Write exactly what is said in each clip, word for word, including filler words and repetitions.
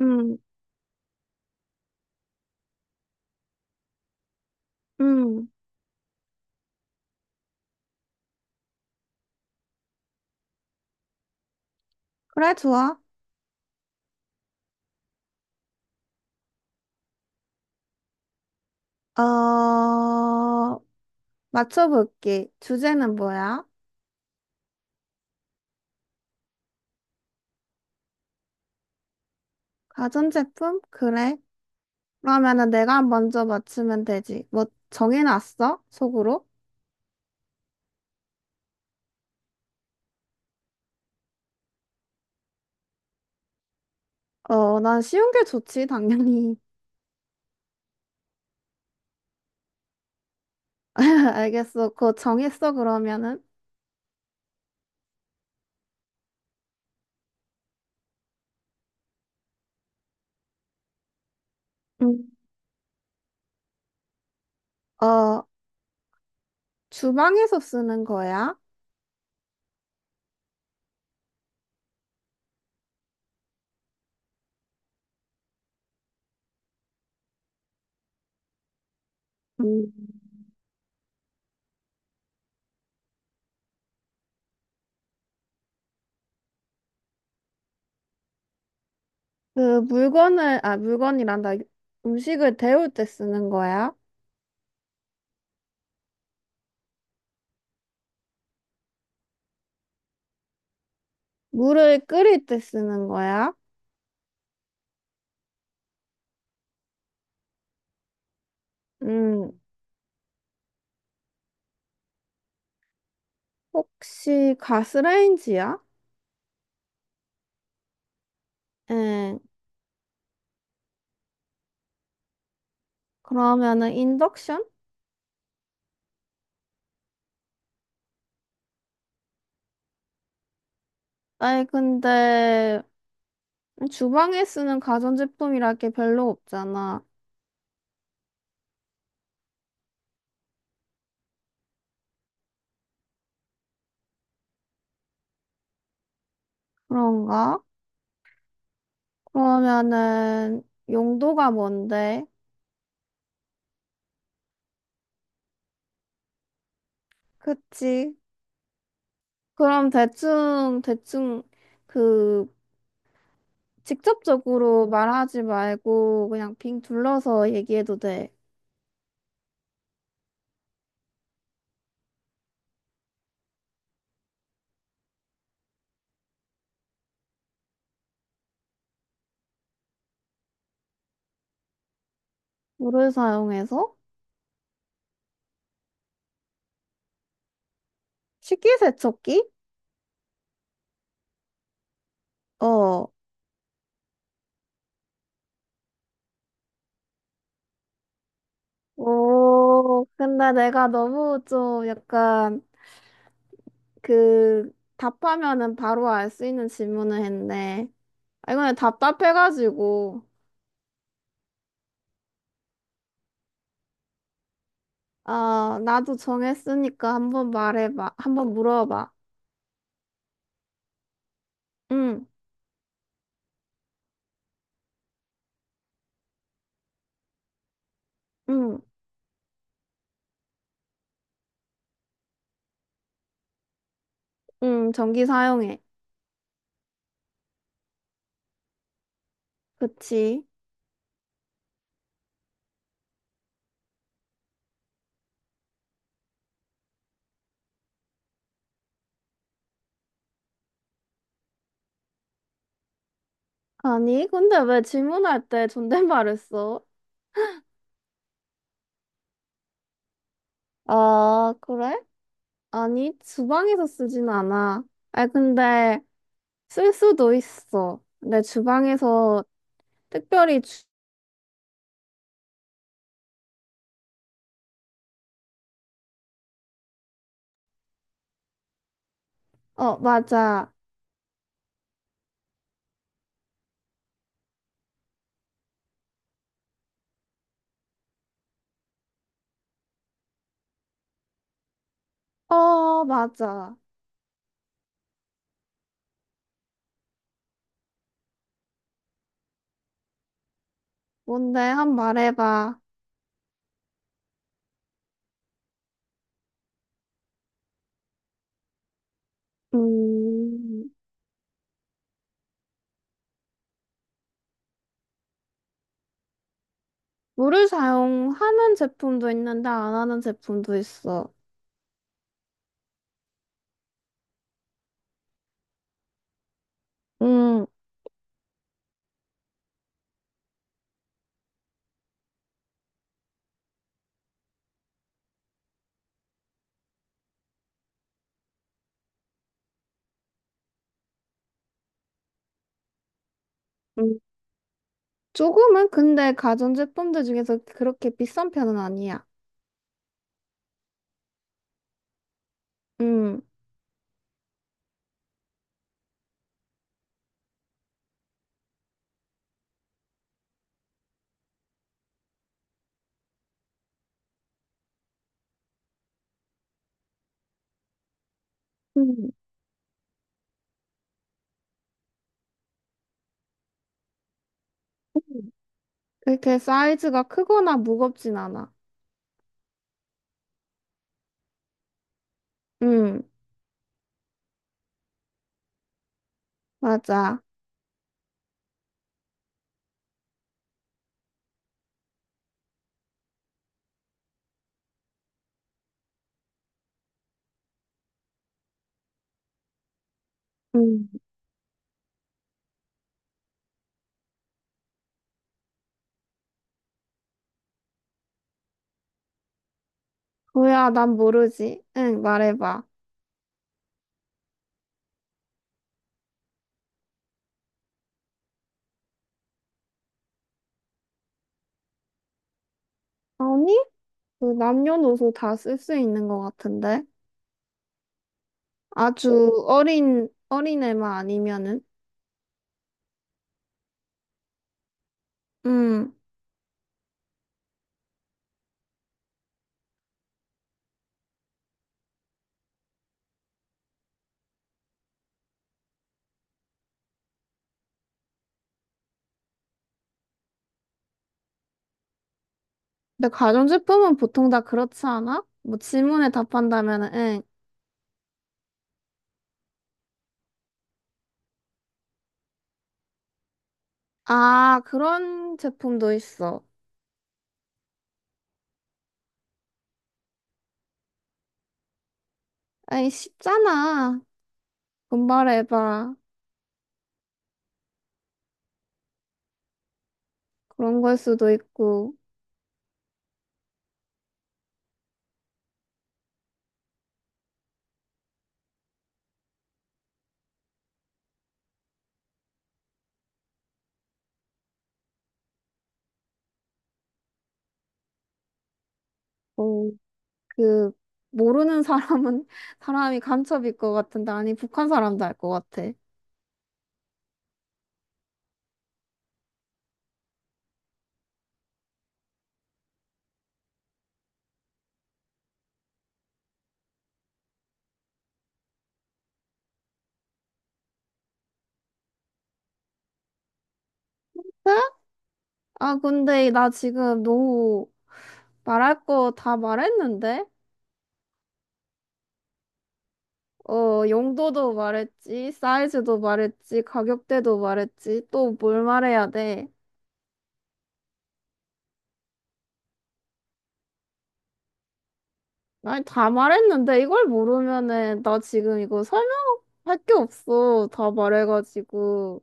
음, 음. 그래, 좋아. 어, 맞춰볼게. 주제는 뭐야? 가전제품? 그래. 그러면은 내가 먼저 맞추면 되지. 뭐, 정해놨어? 속으로? 어, 난 쉬운 게 좋지, 당연히. 알겠어. 그거 정했어, 그러면은? 음. 어, 주방에서 쓰는 거야? 음. 그 물건을, 아, 물건이란다. 음식을 데울 때 쓰는 거야? 물을 끓일 때 쓰는 거야? 음. 혹시 가스레인지야? 응. 그러면은 인덕션? 아니 근데 주방에 쓰는 가전제품이라 게 별로 없잖아. 그런가? 그러면은 용도가 뭔데? 그치? 그럼 대충 대충 그 직접적으로 말하지 말고 그냥 빙 둘러서 얘기해도 돼. 물을 사용해서 식기세척기? 어. 오, 근데 내가 너무 좀 약간 그 답하면은 바로 알 수 있는 질문을 했네. 아, 이거는 답답해가지고. 아, 나도 정했으니까 한번 말해봐. 한번 물어봐. 응, 응, 응, 전기 사용해. 그치? 아니, 근데 왜 질문할 때 존댓말을 써? 아, 그래? 아니, 주방에서 쓰진 않아. 아, 근데 쓸 수도 있어. 내 주방에서 특별히 어, 맞아. 어, 맞아. 뭔데? 한 번 말해봐. 음, 물을 사용하는 제품도 있는데 안 하는 제품도 있어. 음, 음. 조금은 근데 가전제품들 중에서 그렇게 비싼 편은 아니야. 음, 음. 음. 그렇게 사이즈가 크거나 무겁진 않아. 음, 맞아. 음, 뭐야, 난 모르지. 응, 말해봐. 아니? 그 남녀노소 다 쓸 수 있는 것 같은데? 아주 어린, 어린 애만 아니면은? 음. 근데 가전제품은 보통 다 그렇지 않아? 뭐 질문에 답한다면은, 응. 아, 그런 제품도 있어. 아이, 쉽잖아. 분발해봐. 그런 걸 수도 있고, 어, 그, 모르는 사람은, 사람이 간첩일 것 같은데, 아니, 북한 사람도 알 것 같아. 네? 아, 근데 나 지금 너무 말할 거 다 말했는데? 어, 용도도 말했지, 사이즈도 말했지, 가격대도 말했지, 또 뭘 말해야 돼? 아니, 다 말했는데 이걸 모르면은 나 지금 이거 설명할 게 없어. 다 말해가지고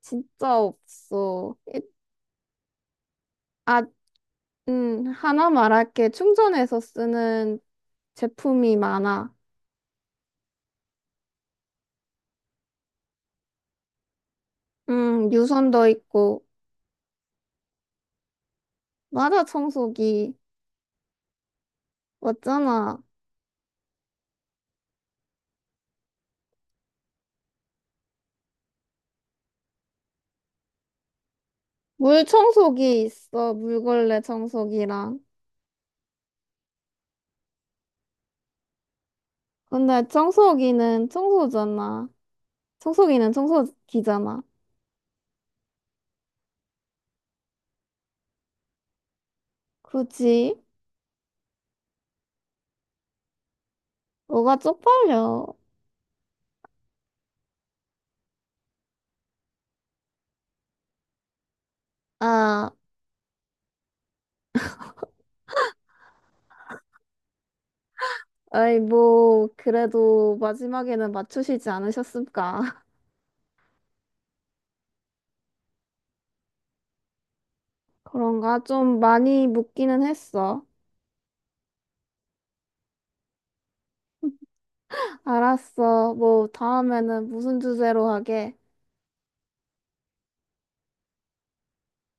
진짜 없어. 이- 아, 음, 하나 말할게. 충전해서 쓰는 제품이 많아. 음, 유선도 있고, 맞아, 청소기. 맞잖아. 물 청소기 있어, 물걸레 청소기랑. 근데 청소기는 청소잖아. 청소기는 청소기잖아. 굳이 뭐가 쪽팔려. 아, 아이 뭐 그래도 마지막에는 맞추시지 않으셨습니까? 그런가 좀 많이 묻기는 했어. 알았어. 뭐 다음에는 무슨 주제로 하게?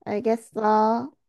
알겠어.